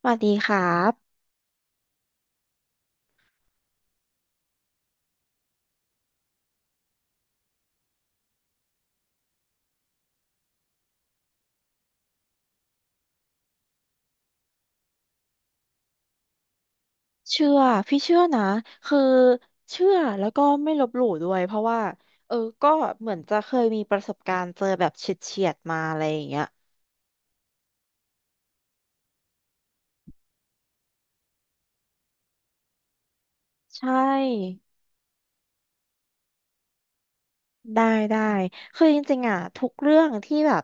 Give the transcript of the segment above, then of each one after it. สวัสดีครับเชื่อพี่เชื่อนะคือเชื่อแล้วก็ไม่ลบหลู่ด้วยเพราะว่าเออก็เหมือนจะเคยมีประสบการณ์เจอแบบเฉียดๆมาอะไรอย่างเงี้ยใช่ ได้ได้คือจริงๆอ่ะทุกเรื่องที่แบบ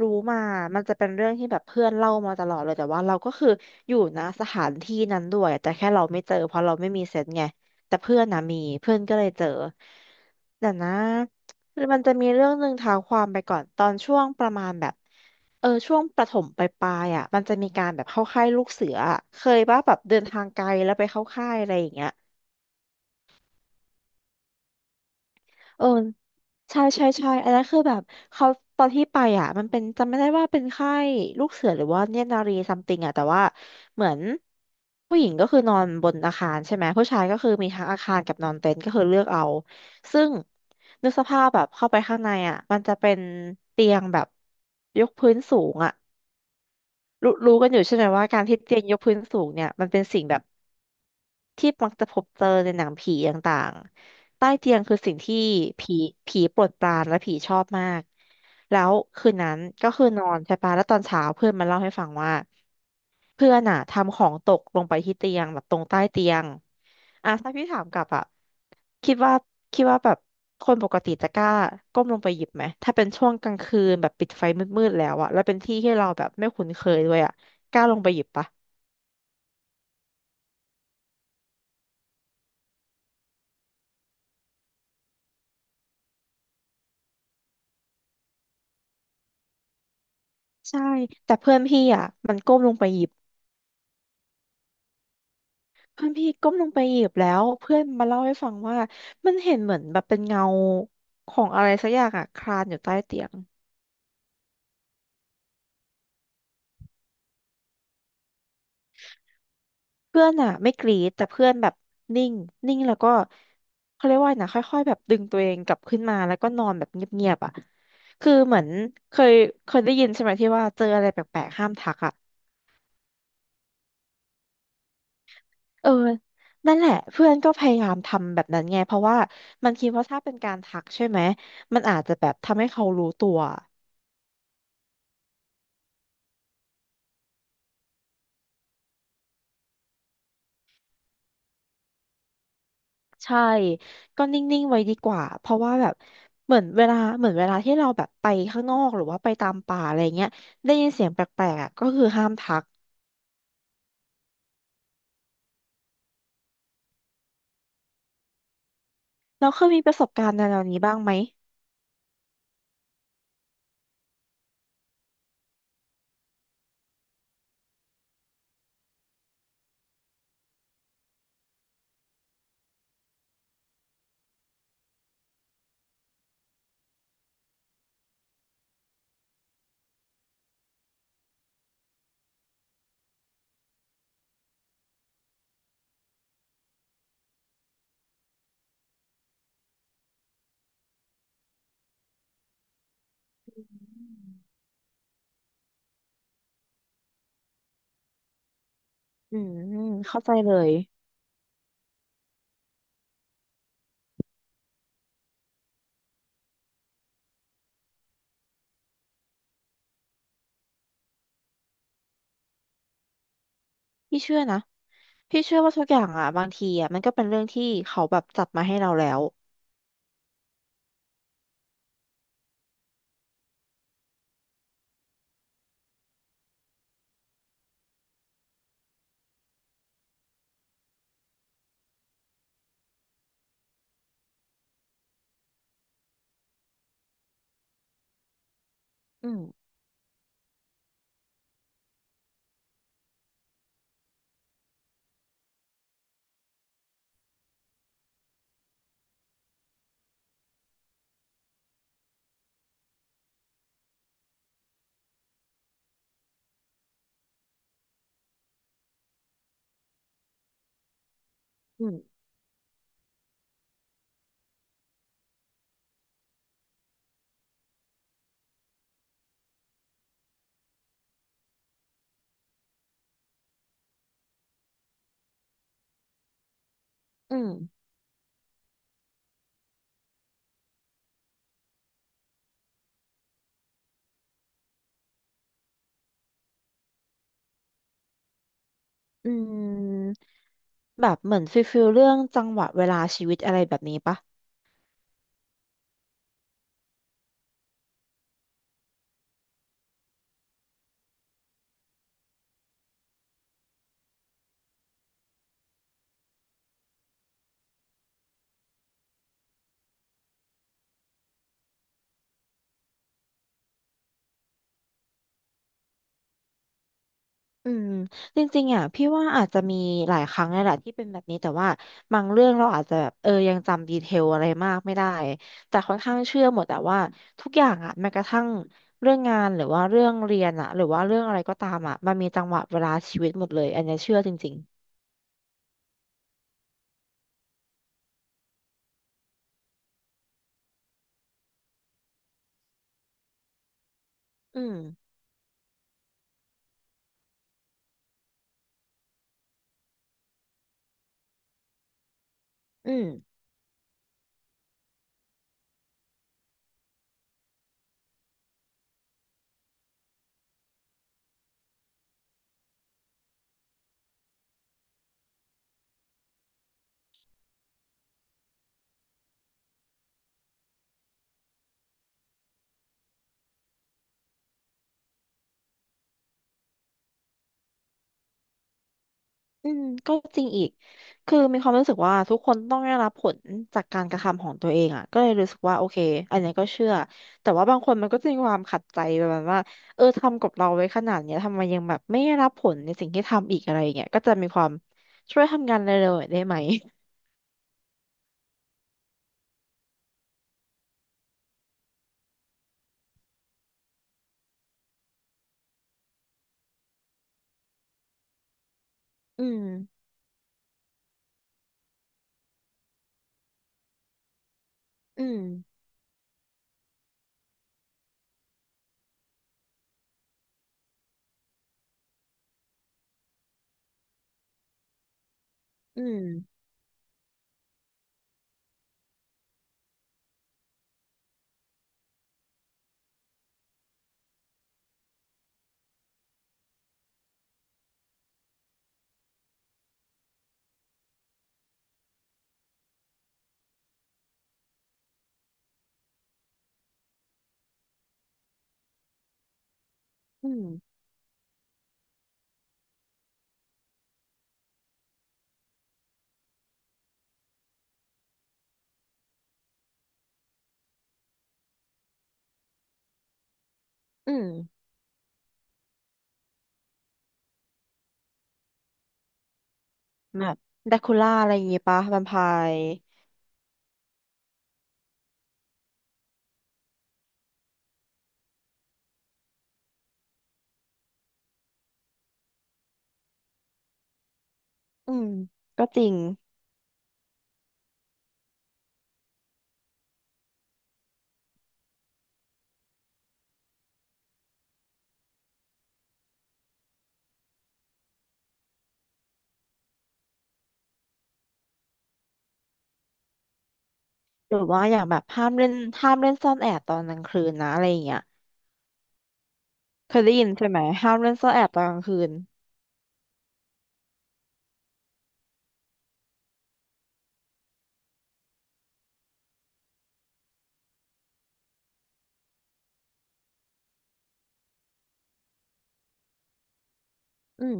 รู้มามันจะเป็นเรื่องที่แบบเพื่อนเล่ามาตลอดเลยแต่ว่าเราก็คืออยู่นะสถานที่นั้นด้วยแต่แค่เราไม่เจอเพราะเราไม่มีเซนส์ไงแต่เพื่อนนะมีเพื่อนก็เลยเจอแต่นะมันจะมีเรื่องหนึ่งเท้าความไปก่อนตอนช่วงประมาณแบบช่วงประถมปลายๆอ่ะมันจะมีการแบบเข้าค่ายลูกเสืออะเคยป่ะแบบเดินทางไกลแล้วไปเข้าค่ายอะไรอย่างเงี้ย เออใช่ใช่ใช่อันนั้นคือแบบเขาตอนที่ไปอ่ะมันเป็นจำไม่ได้ว่าเป็นค่ายลูกเสือหรือว่าเนตรนารีซัมติงอ่ะแต่ว่าเหมือนผู้หญิงก็คือนอนบนอาคารใช่ไหมผู้ชายก็คือมีทั้งอาคารกับนอนเต็นท์ก็คือเลือกเอาซึ่งนึกสภาพแบบเข้าไปข้างในอ่ะมันจะเป็นเตียงแบบยกพื้นสูงอ่ะรู้กันอยู่ใช่ไหมว่าการที่เตียงยกพื้นสูงเนี่ยมันเป็นสิ่งแบบ ที่มักจะพบเจอในหนังผีต่างๆ ใต้เตียงคือสิ่งที่ผีผีโปรดปรานและผีชอบมากแล้วคืนนั้นก็คือนอนใช่ปะแล้วตอนเช้าเพื่อนมาเล่าให้ฟังว่าเพื่อนอ่ะทำของตกลงไปที่เตียงแบบตรงใต้เตียงอ่ะถ้าพี่ถามกลับอ่ะคิดว่าคิดว่าแบบคนปกติจะกล้าก้มลงไปหยิบไหมถ้าเป็นช่วงกลางคืนแบบปิดไฟมืดๆแล้วอะแล้วเป็นที่ที่เราแบบไม่คุ้นเคยด้วยอะกล้าลงไปหยิบปะใช่แต่เพื่อนพี่อะมันก้มลงไปหยิบ เพื่อนพี่ก้มลงไปหยิบแล้วเพื่อนมาเล่าให้ฟังว่ามันเห็นเหมือนแบบเป็นเงาของอะไรสักอย่างอะคลานอยู่ใต้เตียงเพื่อนอะไม่กรีดแต่เพื่อนแบบนิ่งนิ่งแล้วก็เขาเรียกว่าไงนะค่อยๆแบบดึงตัวเองกลับขึ้นมาแล้วก็นอนแบบเงียบๆอะคือเหมือนเคยเคยได้ยินใช่ไหมที่ว่าเจออะไรแปลกๆห้ามทักอะเออนั่นแหละเพื่อนก็พยายามทำแบบนั้นไงเพราะว่ามันคิดว่าถ้าเป็นการทักใช่ไหมมันอาจจะแบบทำให้เขารู้ตัว ใช่ก็นิ่งๆไว้ดีกว่าเพราะว่าแบบเหมือนเวลาเหมือนเวลาที่เราแบบไปข้างนอกหรือว่าไปตามป่าอะไรเงี้ยได้ยินเสียงแปลกๆอะก็คือห้ามทักเราเคยมีประสบการณ์ในแนวนี้บ้างไหมอืมเข้าใจเลยพี่เชื่อนะพี่เชื่อว่าทุกอย่างอ่ะบางทีอ่ะมันก็เป็นเรื่องที่เขาแบบจัดมาให้เราแล้วอืมอืมอืมอืมแบบเหมือนฟิลเรื่องจังหวะเวลาชีวิตอะไรแบบนี้ปะ อืมจริงๆอ่ะพี่ว่าอาจจะมีหลายครั้งเลยแหละที่เป็นแบบนี้แต่ว่าบางเรื่องเราอาจจะแบบยังจำดีเทลอะไรมากไม่ได้แต่ค่อนข้างเชื่อหมดแต่ว่าทุกอย่างอ่ะแม้กระทั่งเรื่องงานหรือว่าเรื่องเรียนอ่ะหรือว่าเรื่องอะไรก็ตามอ่ะมันมีจังหวะเวลาชีวิตหมดเลยอันเนี้ยเชื่อจริงๆอืม อืมก็จริงอีกคือมีความรู้สึกว่าทุกคนต้องได้รับผลจากการกระทำของตัวเองอ่ะก็เลยรู้สึกว่าโอเคอันนี้ก็เชื่อแต่ว่าบางคนมันก็จะมีความขัดใจประมาณว่าทำกับเราไว้ขนาดเนี้ยทำไมยังแบบไม่ได้รับผลในสิ่งที่ทำอีกอะไรอย่างเงี้ยก็จะมีความช่วยทำงานเร็วๆหน่อยได้ไหม อืมอืมอืมอืมอืมแบบแดคูล่าอะไรอย่างเงี้ยปะแวมไพร์อืมก็จริงหรือว่าอย่างแบบห้ามเล่นซ่อนแอบตอนกลางคืนนะอะไรอย่างเงี้ย เคยได้ยินใช่ไหมห้ามเล่นซ่อนแอบตอนกลางคืนอืม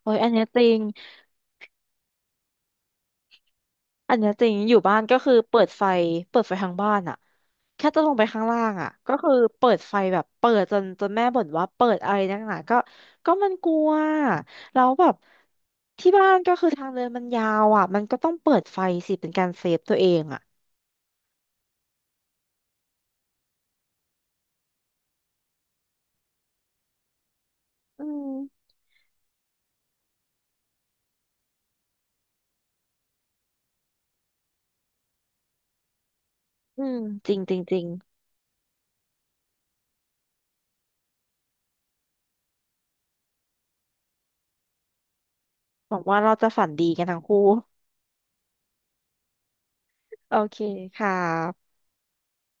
โอ้ยอันเนี้ยจริงอันเนี้ยจริงอยู่บ้านก็คือเปิดไฟทางบ้านอะแค่จะลงไปข้างล่างอะก็คือเปิดไฟแบบเปิดจนแม่บ่นว่าเปิดอะไรนักหนาก็มันกลัวแล้วแบบที่บ้านก็คือทางเดินมันยาวอะมันก็ต้องเปิดไฟสิเป็นการเซฟตัวเองอะอืมอืมจริงจริงจริงหวังว่าเราจะฝันดีกันทั้งคู่โอเคค่ะ